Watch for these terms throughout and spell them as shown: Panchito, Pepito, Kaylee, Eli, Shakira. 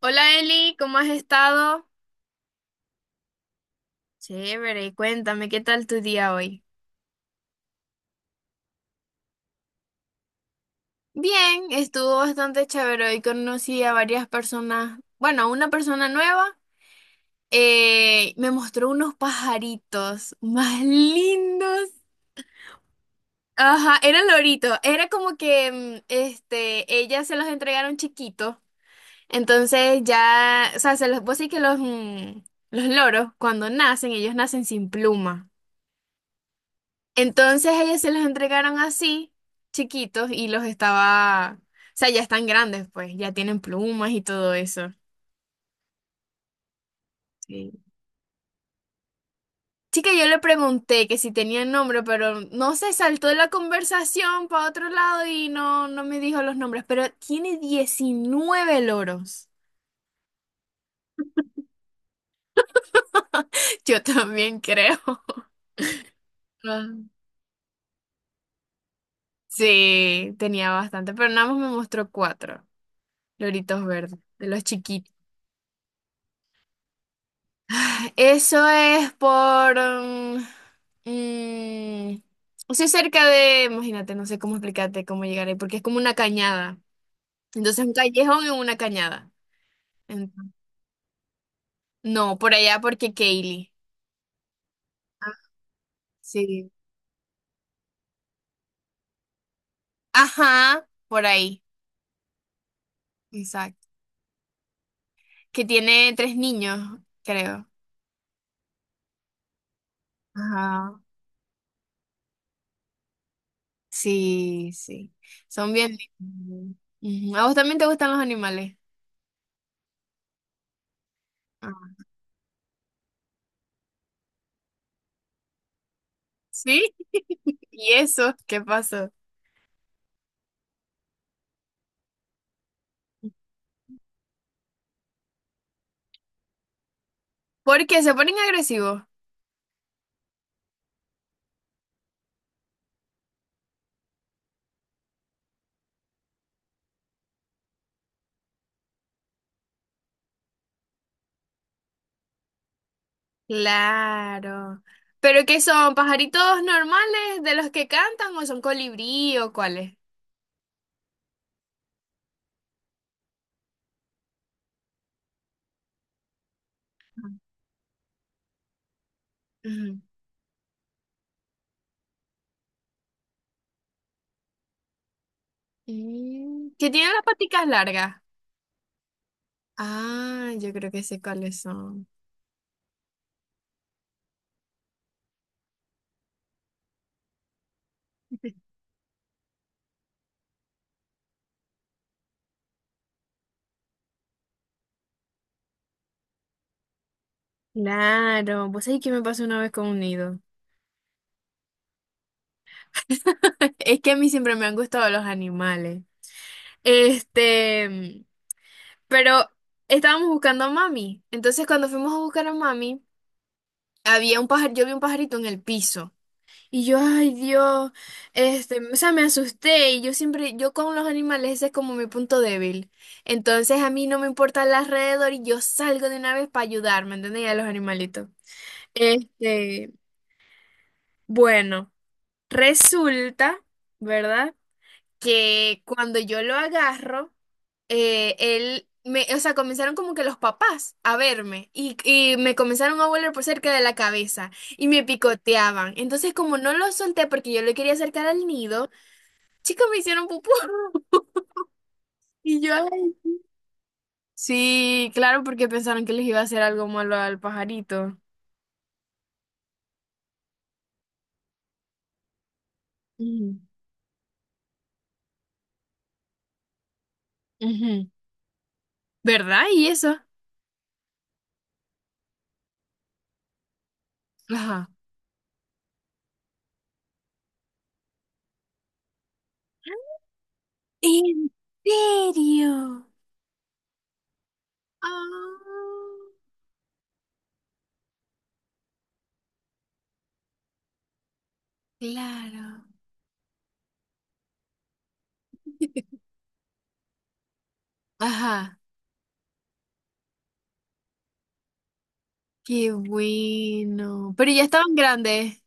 Hola Eli, ¿cómo has estado? Chévere, cuéntame, ¿qué tal tu día hoy? Bien, estuvo bastante chévere. Hoy conocí a varias personas, bueno, a una persona nueva, me mostró unos pajaritos más lindos. Ajá, eran loritos, era como que, ellas se los entregaron chiquitos, entonces ya, o sea, se los, vos sí que los, los loros, cuando nacen, ellos nacen sin pluma. Entonces ellas se los entregaron así, chiquitos, y los estaba, o sea, ya están grandes, pues, ya tienen plumas y todo eso. Sí. Chica, yo le pregunté que si tenía nombre, pero no sé, saltó de la conversación para otro lado y no me dijo los nombres, pero tiene 19 loros. Yo también creo. Ah. Sí, tenía bastante, pero nada más me mostró cuatro loritos verdes, de los chiquitos. Eso es por mm, o sea, cerca de. Imagínate, no sé cómo explicarte cómo llegar ahí, porque es como una cañada. Entonces, un callejón en una cañada. Ent- no, por allá porque Kaylee. Ah, sí. Ajá, por ahí. Exacto. Que tiene tres niños, creo. Ajá. Sí, sí. Son bien lindos. Ujú. ¿A vos también te gustan los animales? Ah. ¿Sí? ¿Y eso? ¿Qué pasó? ¿Por qué se ponen agresivos? Claro. ¿Pero qué son? ¿Pajaritos normales de los que cantan o son colibrí o cuáles? Ujú. Que tienen las paticas largas. Ah, yo creo que sé cuáles son. Claro, vos sabés que me pasó una vez con un nido. Es que a mí siempre me han gustado los animales. Este, pero estábamos buscando a mami. Entonces, cuando fuimos a buscar a mami, había un pajar, yo vi un pajarito en el piso. Y yo, ay Dios, o sea, me asusté y yo siempre, yo con los animales ese es como mi punto débil. Entonces a mí no me importa el alrededor y yo salgo de una vez para ayudar, ¿me entendéis? A los animalitos. Este, bueno, resulta, ¿verdad? Que cuando yo lo agarro, él, me, o sea, comenzaron como que los papás a verme y me comenzaron a volar por cerca de la cabeza y me picoteaban. Entonces, como no lo solté porque yo lo quería acercar al nido, chicos me hicieron pupú. Y yo, "Ay". Sí, claro, porque pensaron que les iba a hacer algo malo al pajarito. Ujú. Ujú. ¿Verdad? ¿Y eso? Ajá. ¿En serio? Ah, claro. Ajá. Qué bueno. Pero ya estaban grandes.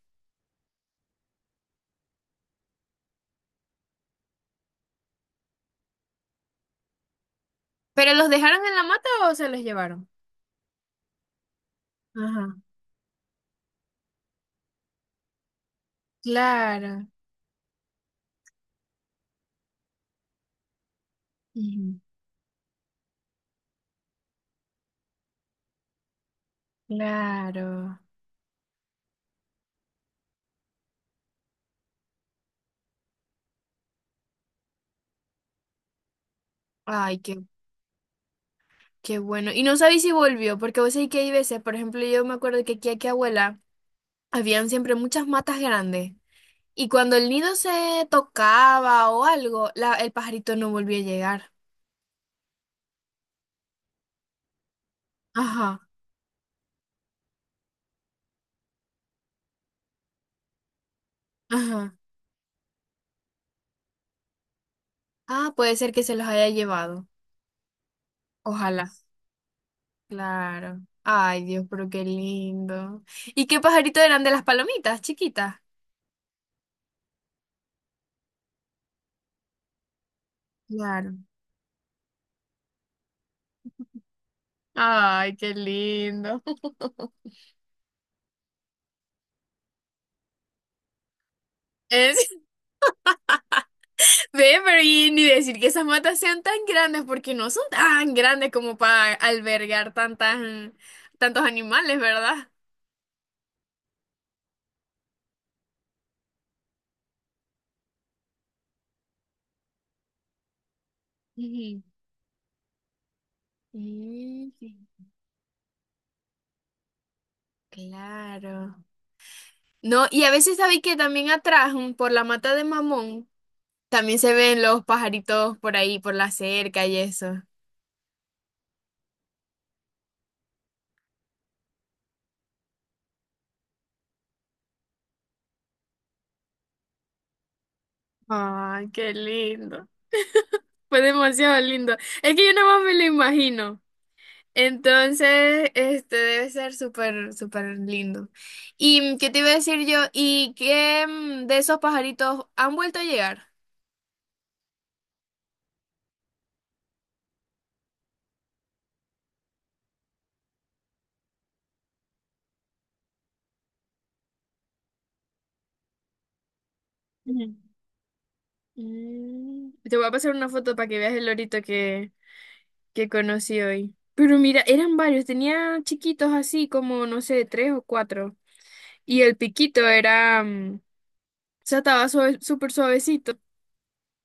¿Pero los dejaron en la mata o se los llevaron? Ajá. Claro. Ujú. Claro. Ay, qué bueno. Y no sabéis si volvió, porque vos sabés que hay veces, por ejemplo, yo me acuerdo que aquí, abuela, habían siempre muchas matas grandes. Y cuando el nido se tocaba o algo, el pajarito no volvió a llegar. Ajá, ajá. Ah, puede ser que se los haya llevado. Ojalá. Claro. Ay, Dios, pero qué lindo. ¿Y qué pajarito eran de las palomitas, chiquitas? Claro. Ay, qué lindo. Es- Ve, pero y ni decir que esas matas sean tan grandes, porque no son tan grandes como para albergar tantas, tantos animales, ¿verdad? Ujú. Mm, claro. No, y a veces sabéis que también atrás, por la mata de mamón, también se ven los pajaritos por ahí, por la cerca y eso. Ay, qué lindo. Fue demasiado lindo. Es que yo nada más me lo imagino. Entonces, este debe ser súper, súper lindo. ¿Y qué te iba a decir yo? ¿Y qué de esos pajaritos han vuelto a llegar? Ujú. Mm. Te voy a pasar una foto para que veas el lorito que conocí hoy. Pero mira, eran varios, tenía chiquitos así como, no sé, tres o cuatro. Y el piquito era, o sea, estaba súper suavecito,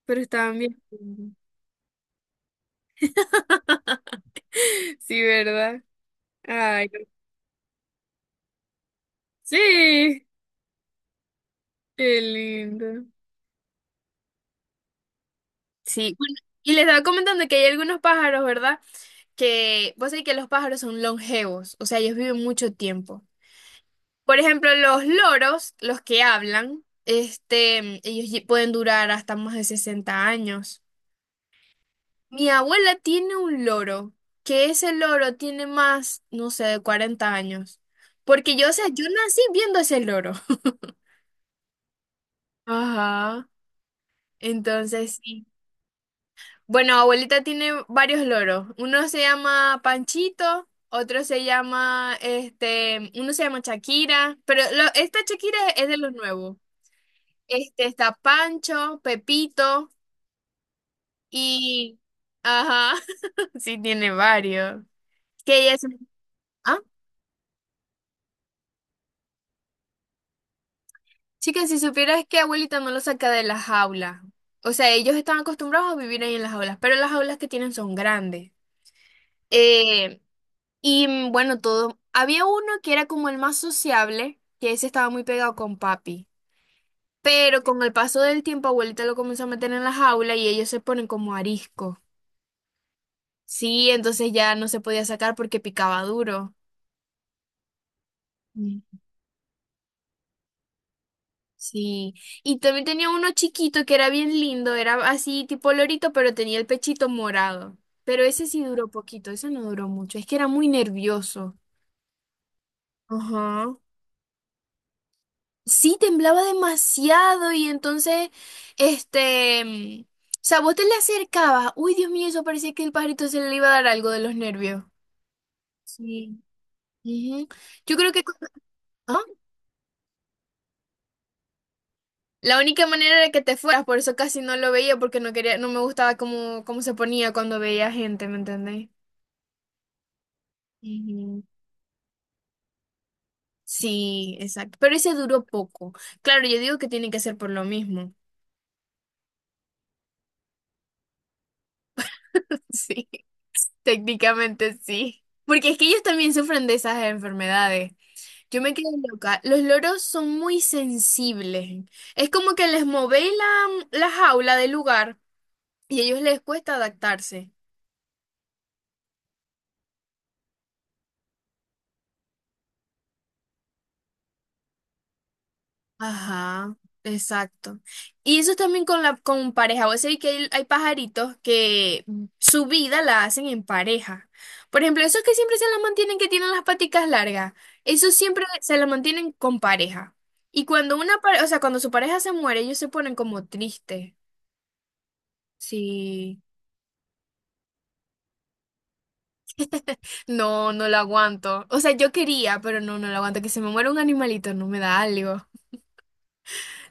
pero estaban bien lindos. Sí, ¿verdad? Ay, no, sí, qué lindo. Sí, bueno, y les estaba comentando que hay algunos pájaros, ¿verdad? Que vos sabés que los pájaros son longevos, o sea, ellos viven mucho tiempo. Por ejemplo, los loros, los que hablan, pueden durar hasta más de 60 años. Mi abuela tiene un loro, que ese loro tiene más, no sé, de 40 años. Porque yo, o sea, yo nací viendo ese loro. Ajá. Entonces, sí. Bueno, abuelita tiene varios loros. Uno se llama Panchito, otro se llama, uno se llama Shakira, pero esta Shakira es de los nuevos. Este está Pancho, Pepito y, ajá, sí tiene varios. Que ah, chicas, si supieras que abuelita no lo saca de la jaula. O sea, ellos están acostumbrados a vivir ahí en las jaulas, pero las jaulas que tienen son grandes. Eh, Y bueno, todo. Había uno que era como el más sociable, que ese estaba muy pegado con papi. Pero con el paso del tiempo, abuelita lo comenzó a meter en la jaula y ellos se ponen como arisco. Sí, entonces ya no se podía sacar porque picaba duro. Mm. Sí. Y también tenía uno chiquito que era bien lindo, era así tipo lorito, pero tenía el pechito morado. Pero ese sí duró poquito, ese no duró mucho, es que era muy nervioso. Ajá. Sí, temblaba demasiado y entonces, o sea, vos te le acercabas. Uy, Dios mío, eso parecía que el pajarito se le iba a dar algo de los nervios. Sí. Ujú. Yo creo que ¿ah? La única manera era que te fueras, por eso casi no lo veía porque no quería, no me gustaba cómo se ponía cuando veía gente, ¿me entendés? Ujú. Sí, exacto. Pero ese duró poco. Claro, yo digo que tiene que ser por lo mismo. Sí, técnicamente sí. Porque es que ellos también sufren de esas enfermedades. Yo me quedé loca. Los loros son muy sensibles. Es como que les movéis la jaula del lugar y a ellos les cuesta adaptarse. Ajá, exacto. Y eso también con la con pareja. Vos sabés que hay pajaritos que su vida la hacen en pareja. Por ejemplo, esos que siempre se la mantienen, que tienen las paticas largas, esos siempre se la mantienen con pareja. Y cuando una pareja, o sea, cuando su pareja se muere, ellos se ponen como tristes. Sí. No, no lo aguanto. O sea, yo quería, pero no lo aguanto. Que se me muera un animalito, no me da algo.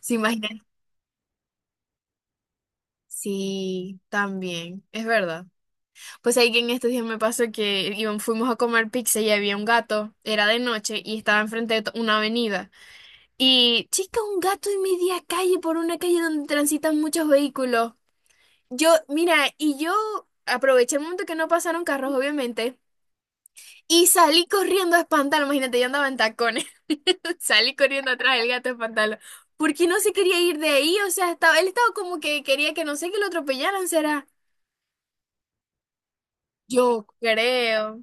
¿Se imaginan? Sí, también, es verdad. Pues ahí que en estos días me pasó que fuimos a comer pizza y había un gato, era de noche y estaba enfrente de una avenida. Y, chica, un gato en media calle, por una calle donde transitan muchos vehículos. Yo, mira, y yo aproveché el momento que no pasaron carros, obviamente. Y salí corriendo a espantarlo, imagínate, yo andaba en tacones. Salí corriendo atrás del gato a espantarlo. Porque no se quería ir de ahí, o sea, él estaba como que quería que no sé que lo atropellaran, será. Yo creo.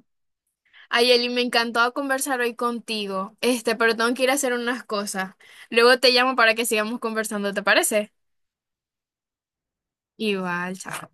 Ay, Eli, me encantó conversar hoy contigo. Pero tengo que ir a hacer unas cosas. Luego te llamo para que sigamos conversando, ¿te parece? Igual, chao.